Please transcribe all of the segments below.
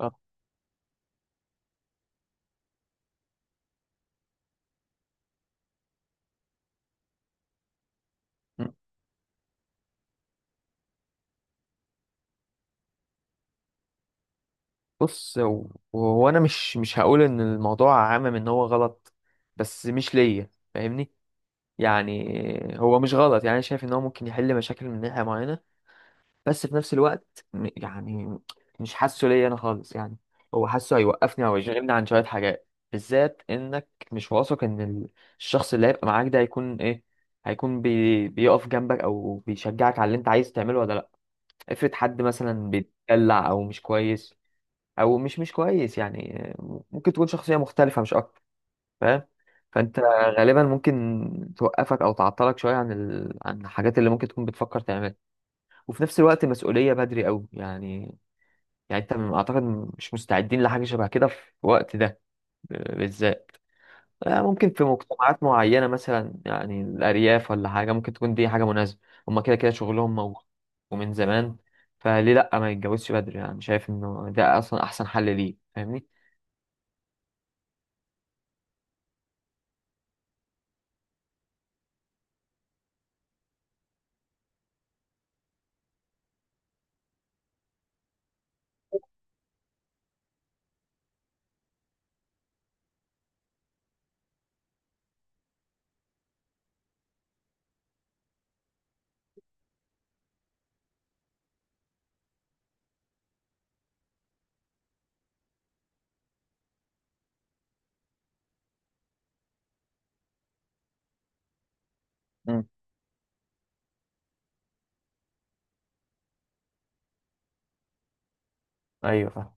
آه. مم. بص وهو انا مش هقول ان الموضوع عامم ان هو غلط، بس مش ليا فاهمني. يعني هو مش غلط، يعني انا شايف ان هو ممكن يحل مشاكل من ناحية معينة، بس في نفس الوقت يعني مش حاسه ليا انا خالص يعني. هو حاسه هيوقفني او يشغلني عن شوية حاجات، بالذات انك مش واثق ان الشخص اللي هيبقى معاك ده هيكون ايه. هيكون بيقف جنبك او بيشجعك على اللي انت عايز تعمله ولا لا. افرض حد مثلا بيتدلع او مش كويس، او مش كويس يعني. ممكن تكون شخصيه مختلفه مش اكتر، فاهم. فانت غالبا ممكن توقفك او تعطلك شويه عن عن الحاجات اللي ممكن تكون بتفكر تعملها، وفي نفس الوقت مسؤوليه بدري قوي يعني. يعني انت اعتقد مش مستعدين لحاجه شبه كده في الوقت ده، بالذات. ممكن في مجتمعات معينه مثلا، يعني الارياف ولا حاجه، ممكن تكون دي حاجه مناسبه. هما كده كده شغلهم موجود ومن زمان. فليه لا ما يتجوزش بدري، يعني شايف انه ده اصلا احسن حل ليه فاهمني. ايوه فاهم.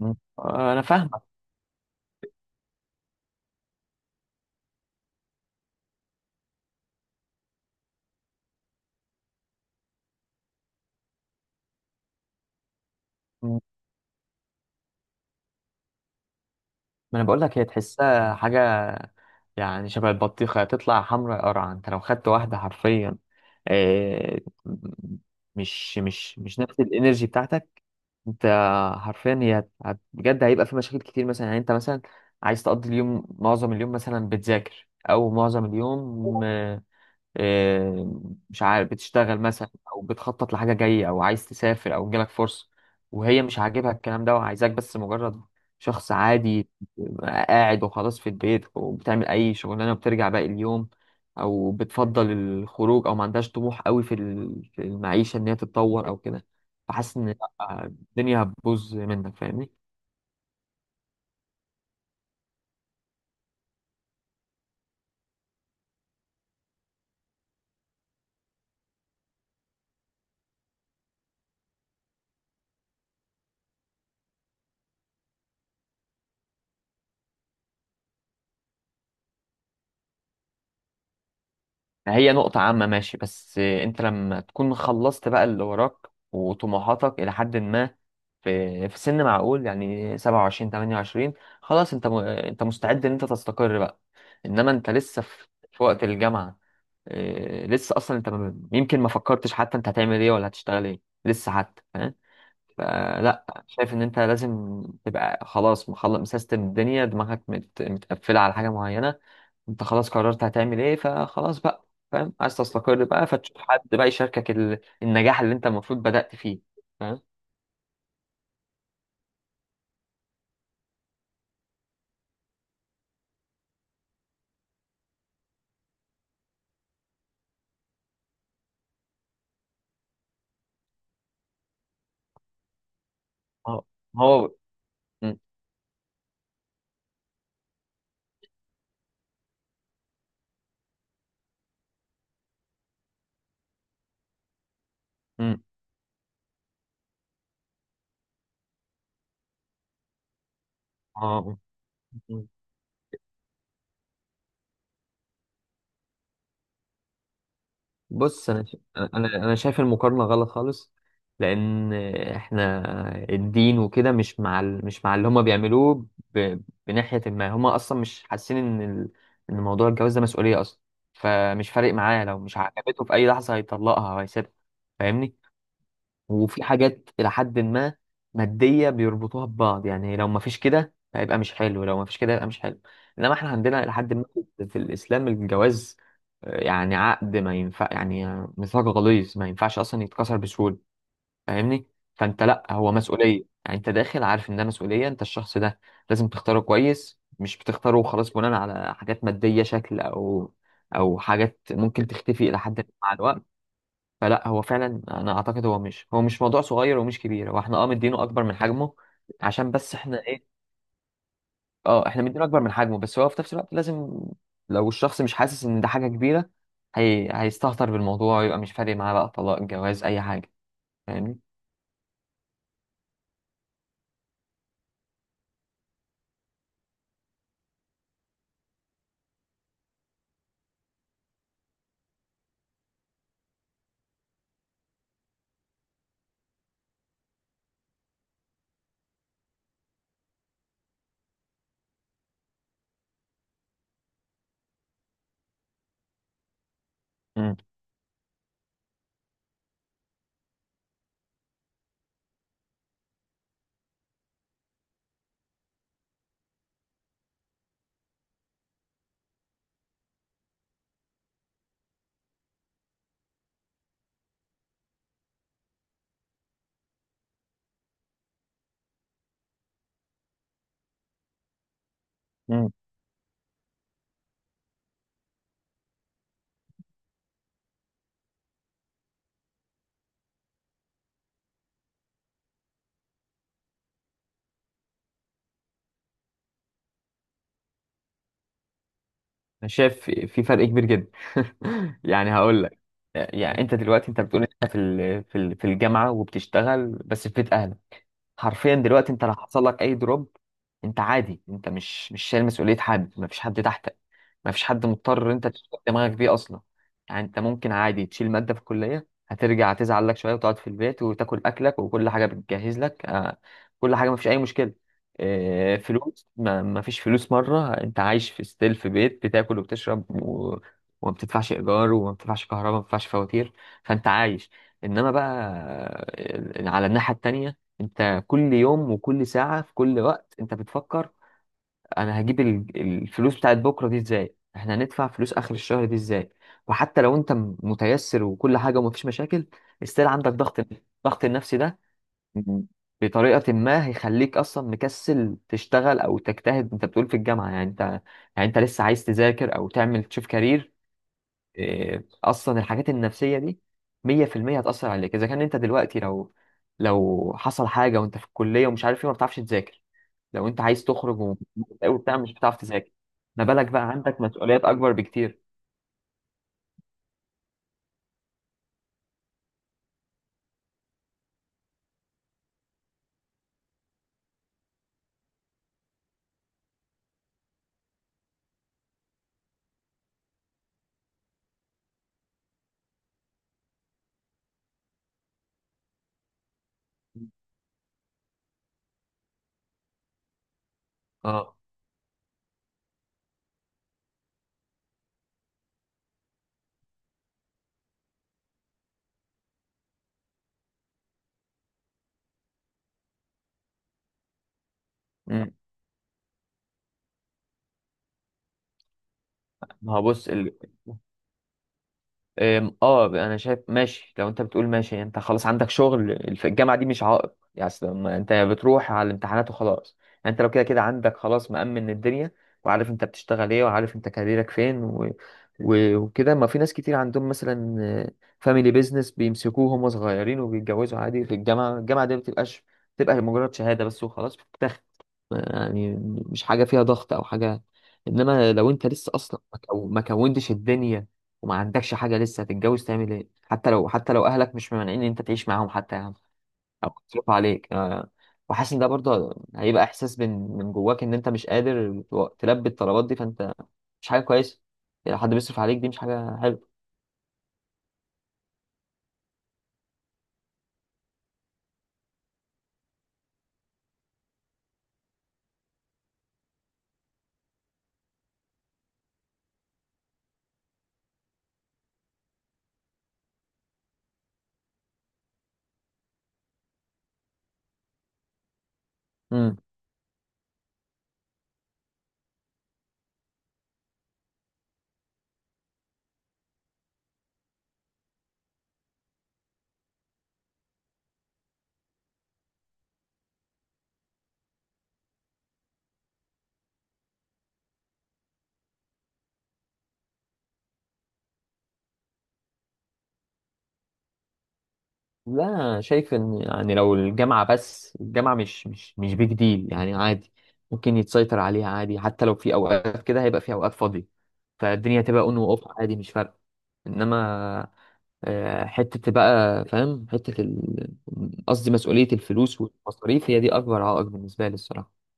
مم. آه، انا فاهمك. مم. ما انا بقول لك هي تحسها حاجه. يعني شبه البطيخه تطلع حمراء قرعه، انت لو خدت واحده حرفيا، آه، مش نفس الانرجي بتاعتك انت. حرفيا هي بجد هيبقى في مشاكل كتير مثلا. يعني انت مثلا عايز تقضي اليوم، معظم اليوم مثلا بتذاكر، او معظم اليوم، آه، مش عارف، بتشتغل مثلا او بتخطط لحاجه جايه او عايز تسافر او جالك فرصه، وهي مش عاجبها الكلام ده وعايزاك بس مجرد شخص عادي قاعد وخلاص في البيت، وبتعمل اي شغلانه وبترجع باقي اليوم، او بتفضل الخروج، او ما عندهاش طموح قوي في في المعيشه ان هي تتطور او كده. فحاسس ان، لأ، الدنيا هتبوظ منك فاهمني. هي نقطة عامة ماشي، بس انت لما تكون خلصت بقى اللي وراك وطموحاتك إلى حد ما، في سن معقول يعني 27 28، خلاص انت انت مستعد ان انت تستقر بقى. انما انت لسه في وقت الجامعة. لسه اصلا انت يمكن ما فكرتش حتى انت هتعمل ايه ولا هتشتغل ايه لسه حتى، فاهم. فلا، شايف ان انت لازم تبقى خلاص مخلص مسيستم الدنيا، دماغك متقفلة على حاجة معينة، انت خلاص قررت هتعمل ايه فخلاص بقى، فاهم. عايز تستقر بقى فتشوف حد بقى يشاركك النجاح اللي انت المفروض بدأت فيه، فاهم. هو هو- مم. اه. مم. بص انا انا شايف المقارنه غلط خالص. لان احنا الدين وكده مش مع مش مع اللي هما بيعملوه، ب... بناحيه ما، هما اصلا مش حاسين ان ان موضوع الجواز ده مسؤوليه اصلا. فمش فارق معاه، لو مش عجبته في اي لحظه هيطلقها وهيسيبها فاهمني. وفي حاجات إلى حد ما مادية بيربطوها ببعض، يعني لو ما فيش كده هيبقى مش حلو، لو ما فيش كده هيبقى مش حلو. إنما إحنا عندنا إلى حد ما في الإسلام الجواز، يعني عقد ما ينفع يعني، ميثاق غليظ ما ينفعش أصلا يتكسر بسهولة فاهمني. فأنت، لأ، هو مسؤولية يعني، أنت داخل عارف إن ده مسؤولية. أنت الشخص ده لازم تختاره كويس، مش بتختاره وخلاص بناء على حاجات مادية، شكل، أو حاجات ممكن تختفي إلى حد ما مع الوقت. فلا هو فعلا انا اعتقد، هو مش موضوع صغير ومش كبير، هو احنا اه مدينه اكبر من حجمه عشان بس احنا ايه. اه احنا مدينه اكبر من حجمه، بس هو في نفس الوقت لازم، لو الشخص مش حاسس ان ده حاجه كبيره، هيستهتر بالموضوع ويبقى مش فارق معاه بقى، طلاق جواز اي حاجه فاهمني. امم. امم. انا شايف في فرق كبير جدا. يعني هقول لك. يعني انت دلوقتي انت بتقول انت في الجامعه وبتشتغل بس في بيت اهلك. حرفيا دلوقتي انت لو حصل لك اي دروب، انت عادي، انت مش شايل مسؤوليه حد، مفيش حد تحتك، مفيش حد مضطر انت تشغل دماغك بيه اصلا. يعني انت ممكن عادي تشيل ماده في الكليه، هترجع تزعل لك شويه وتقعد في البيت وتاكل اكلك وكل حاجه بتجهز لك، كل حاجه مفيش اي مشكله. فلوس، ما مفيش فلوس مره، انت عايش في ستيل في بيت، بتاكل وبتشرب وما بتدفعش ايجار وما بتدفعش كهرباء ما بتدفعش فواتير. فانت عايش. انما بقى، على الناحيه التانيه، انت كل يوم وكل ساعة في كل وقت انت بتفكر: انا هجيب الفلوس بتاعت بكرة دي ازاي، احنا هندفع فلوس اخر الشهر دي ازاي. وحتى لو انت متيسر وكل حاجة ومفيش مشاكل، استيل عندك ضغط، الضغط النفسي ده م- بطريقة ما هيخليك اصلا مكسل تشتغل او تجتهد. انت بتقول في الجامعة يعني، انت لسه عايز تذاكر او تعمل تشوف كارير، إيه، اصلا الحاجات النفسيه دي 100% هتاثر عليك. اذا كان انت دلوقتي، لو حصل حاجه وانت في الكليه ومش عارف ايه، ما بتعرفش تذاكر، لو انت عايز تخرج وبتاع مش بتعرف تذاكر، ما بالك بقى عندك مسؤوليات اكبر بكتير. اه. أمم. ما هو بص اه انا شايف ماشي. لو انت بتقول ماشي يعني انت خلاص عندك شغل، الجامعه دي مش عائق يعني. أصل ما انت بتروح على الامتحانات وخلاص، يعني انت لو كده كده عندك خلاص مأمن الدنيا، وعارف انت بتشتغل ايه وعارف انت كاريرك فين وكده. ما في ناس كتير عندهم مثلا فاميلي بيزنس بيمسكوه هم صغيرين وبيتجوزوا عادي في الجامعه. الجامعه دي ما بتبقاش، بتبقى مجرد شهاده بس وخلاص بتتاخد يعني. مش حاجه فيها ضغط او حاجه. انما لو انت لسه اصلا ما كونتش الدنيا وما عندكش حاجة لسه، هتتجوز تعمل ايه. حتى لو اهلك مش ممانعين ان انت تعيش معاهم حتى يا عم، او يصرفوا عليك، وحاسس ان ده برضه هيبقى احساس من جواك ان انت مش قادر تلبي الطلبات دي، فانت مش حاجة كويسة. يعني حد بيصرف عليك دي مش حاجة حلوة. امم. لا، أنا شايف ان يعني، لو الجامعة بس، الجامعة مش بيج ديل يعني عادي، ممكن يتسيطر عليها عادي. حتى لو في اوقات كده، هيبقى في اوقات فاضية فالدنيا تبقى اون واوف عادي مش فارقة. انما حتة بقى فاهم، حتة قصدي مسؤولية الفلوس والمصاريف، هي دي أكبر عائق بالنسبة لي الصراحة.